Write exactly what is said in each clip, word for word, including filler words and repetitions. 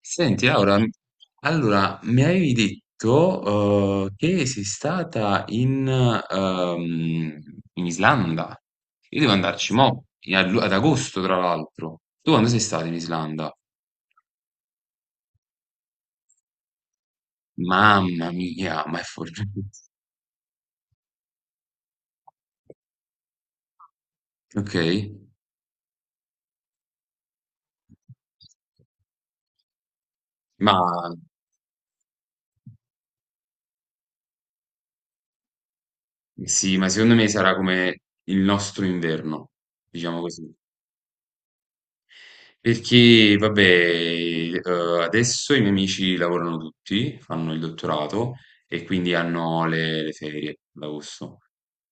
Senti Laura, m- allora mi avevi detto eh, che sei stata in, ehm, in Islanda. Io devo andarci mo, in- ad ad agosto tra l'altro. Tu quando sei stata in Islanda? Mamma mia, ma è forte. Ok, ma sì, ma secondo me sarà come il nostro inverno, diciamo così. Perché, vabbè, eh, adesso i miei amici lavorano tutti, fanno il dottorato e quindi hanno le, le ferie d'agosto.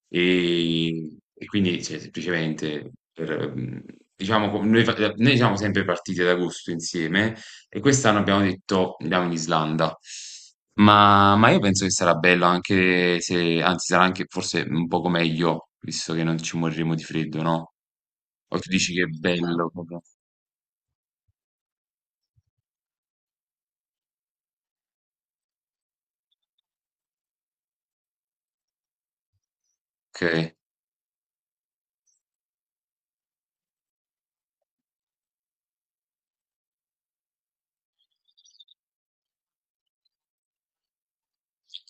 E, e quindi, cioè, semplicemente, per, mm, diciamo, com- noi, fa- noi siamo sempre partiti ad agosto insieme e quest'anno abbiamo detto andiamo in Islanda. Ma, ma io penso che sarà bello anche se, anzi, sarà anche forse un poco meglio, visto che non ci moriremo di freddo, no? O tu dici che è bello? Okay,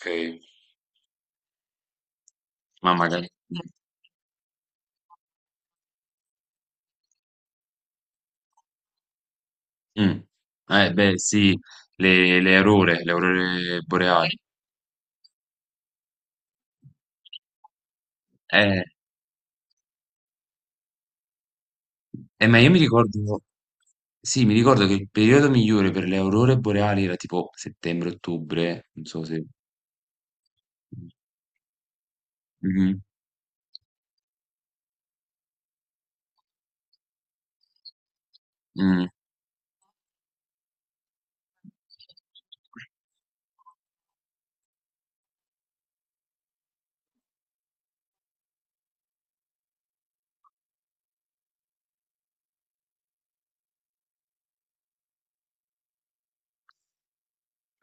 okay. Ma magari, mh. Mh. Eh beh sì, le le aurore, le aurore boreali. Eh, eh ma io mi ricordo, sì, mi ricordo che il periodo migliore per le aurore boreali era tipo settembre-ottobre, non so se. mh-mh, mh.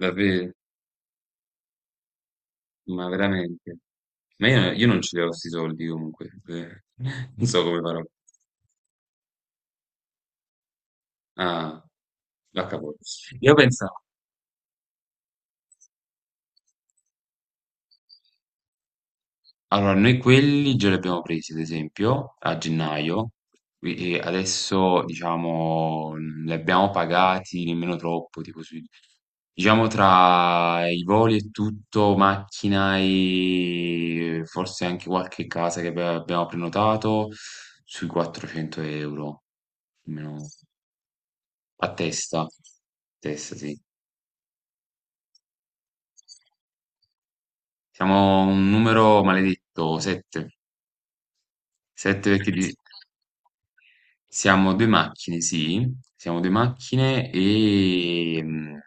Davvero? Ma veramente? Ma io io non ce li ho 'sti soldi comunque, eh, non so come farò. Ah, vacca po'. Io pensa Allora, noi quelli già li abbiamo presi, ad esempio, a gennaio, qui- e adesso, diciamo, mh, li abbiamo pagati nemmeno troppo, tipo sui- diciamo tra i voli e tutto, macchina e forse anche qualche casa che abbi- abbiamo prenotato, sui quattrocento euro, almeno a testa, a testa, sì. Siamo un numero maledetto, sette, sette perché di- Siamo due macchine, sì, siamo due macchine, ehm,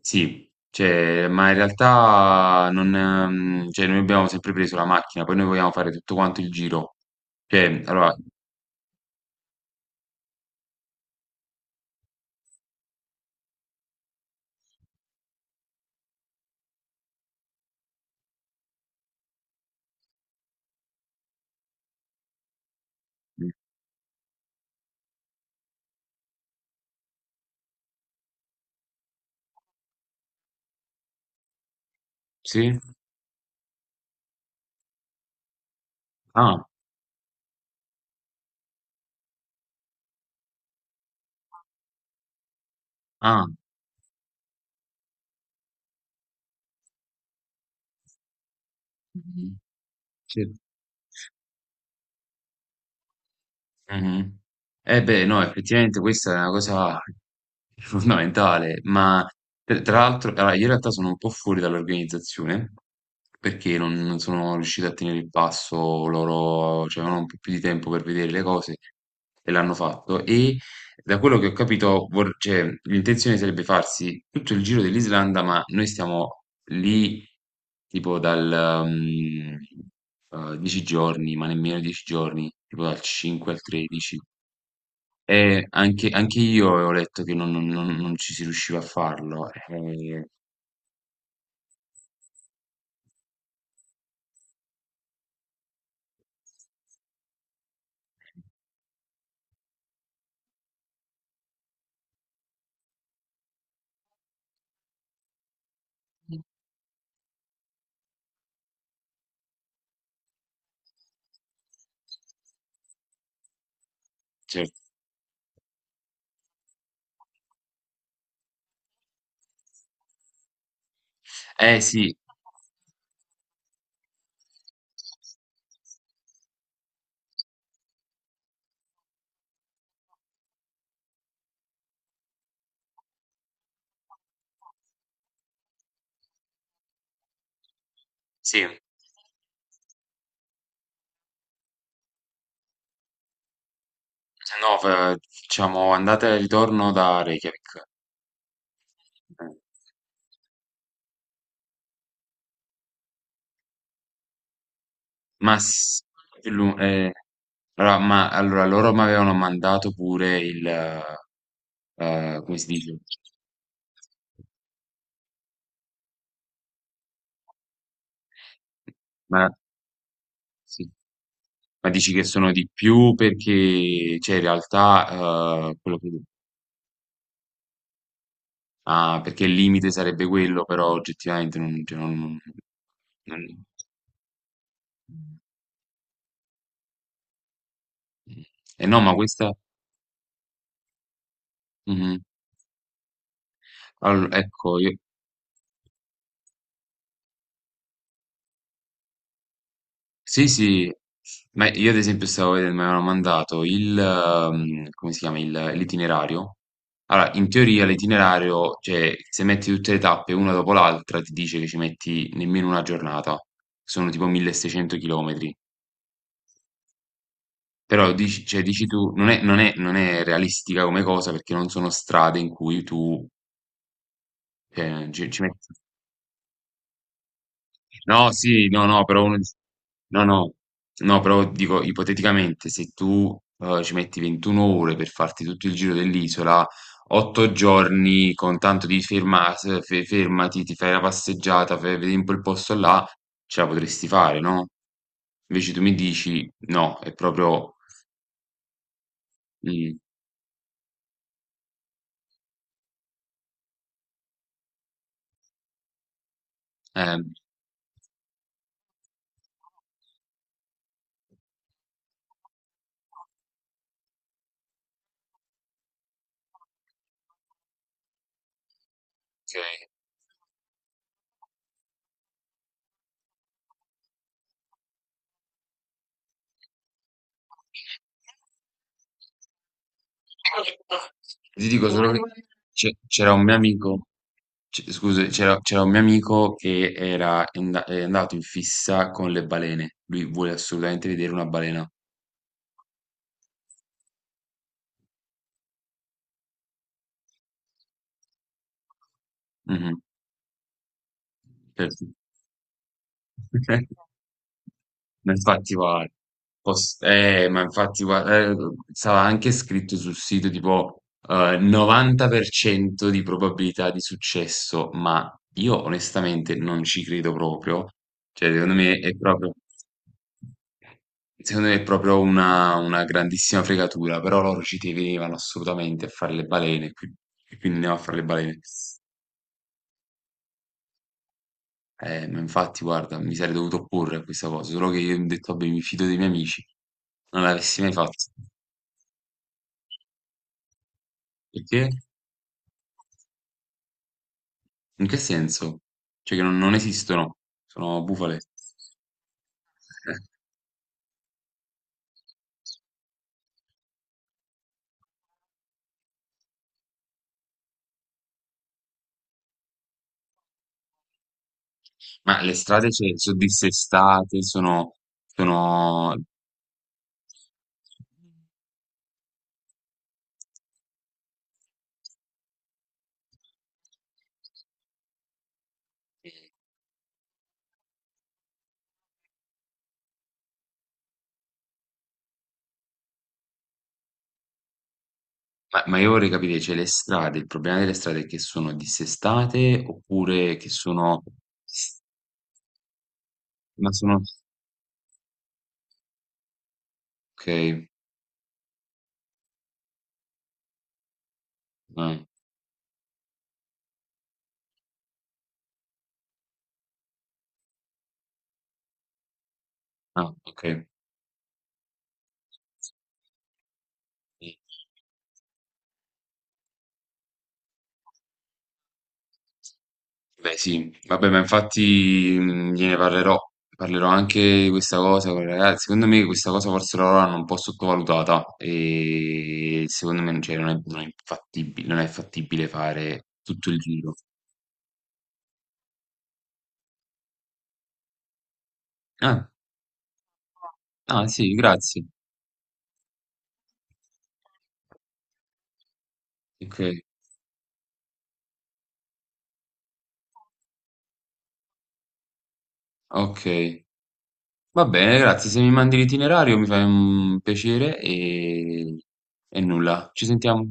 sì, cioè, ma in realtà non mhmm, cioè, noi abbiamo sempre preso la macchina, poi noi vogliamo fare tutto quanto il giro. Cioè, allora, mh, sì? Ah, ah, mh-mh, sì. Mhm. Eh beh, no, effettivamente questa è una cosa fondamentale, ma tra tra l'altro, allora, io in realtà sono un po' fuori dall'organizzazione perché non, non sono riuscito a tenere il passo, loro, cioè, avevano un po' più di tempo per vedere le cose e l'hanno fatto e da quello che ho capito, vor- cioè, l'intenzione sarebbe farsi tutto il giro dell'Islanda, ma noi stiamo lì tipo dal, mhmm, eh, dieci giorni, ma nemmeno dieci giorni, tipo dal cinque al tredici. E anche, anche io ho letto che non, non- non- non ci si riusciva a farlo. Eh, certo. Eh sì, sì, no, fa- diciamo andata e ritorno da Reykjavik. Eh, Ma, s- più lu- eh, allora, ma allora loro mi avevano mandato pure il, eh, come si dice? Ma, sì. Ma dici che sono di più? Perché, cioè, in realtà, ehm, quello che ah, perché il limite sarebbe quello, però oggettivamente non, cioè non non eh no, ma questa, mh-mh. Allo ecco io sì, sì, ma io ad esempio stavo veden mi avevano mandato il mhmm, come si chiama, il l'itinerario. Allora, in teoria l'itinerario, cioè se metti tutte le tappe una dopo l'altra, ti dice che ci metti nemmeno una giornata. Sono tipo milleseicento chilometri. Però dici cioè dici tu non è non è non è realistica come cosa, perché non sono strade in cui tu, ehm, ci ci metti, no, sì, no, no, però uno dice, no, no, no, però dico, ipoteticamente, se tu, uhm, ci metti ventuno ore per farti tutto il giro dell'isola, otto giorni con tanto di fermas fe fermati, ti fai la passeggiata, fai vedi un po' il posto là, ce la potresti fare, no? Invece tu mi dici: "No, è proprio". mh, ehm, okay. Ti dico solo che c'è- c'era un mio amico, c- scusa, c'era c'era un mio amico che era enda- è andato in fissa con le balene. Lui vuole assolutamente vedere una balena. Mhm, certo. Ma infatti guarda, pos- eh, ma infatti guarda, eh, stava anche scritto sul sito tipo, eh, novanta per cento di probabilità di successo, ma io onestamente non ci credo proprio. Cioè, secondo me è proprio, secondo me è proprio una, una grandissima fregatura, però loro ci tenevano assolutamente a fare le balene, qui- e quindi andiamo a fare le balene. Eh, ma infatti, guarda, mi sarei dovuto opporre a questa cosa, solo che io mi ho detto, vabbè, mi fido dei miei amici, non l'avessi mai fatto. Perché? In che senso? Cioè che non, non esistono, sono bufale. Ma le strade, cioè, sono dissestate. sono... sono... Ma, ma io vorrei capire, cioè, le strade, il problema delle strade è che sono dissestate oppure che sono? Ma sono... Ok, ah, ah, ok. Beh sì, vabbè, ma infatti, mh, gliene parlerò, parlerò anche di questa cosa con i ragazzi. Secondo me questa cosa forse loro l'hanno un po' sottovalutata e secondo me, cioè, non è, non è fattibile, non è fattibile fare tutto il giro. Ah, ah sì, grazie. Ok, ok. Va bene, grazie. Se mi mandi l'itinerario mi fai un piacere e, e nulla. Ci sentiamo.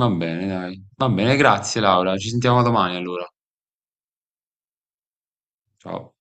Va bene, dai. Va bene, grazie Laura. Ci sentiamo domani allora. Ciao.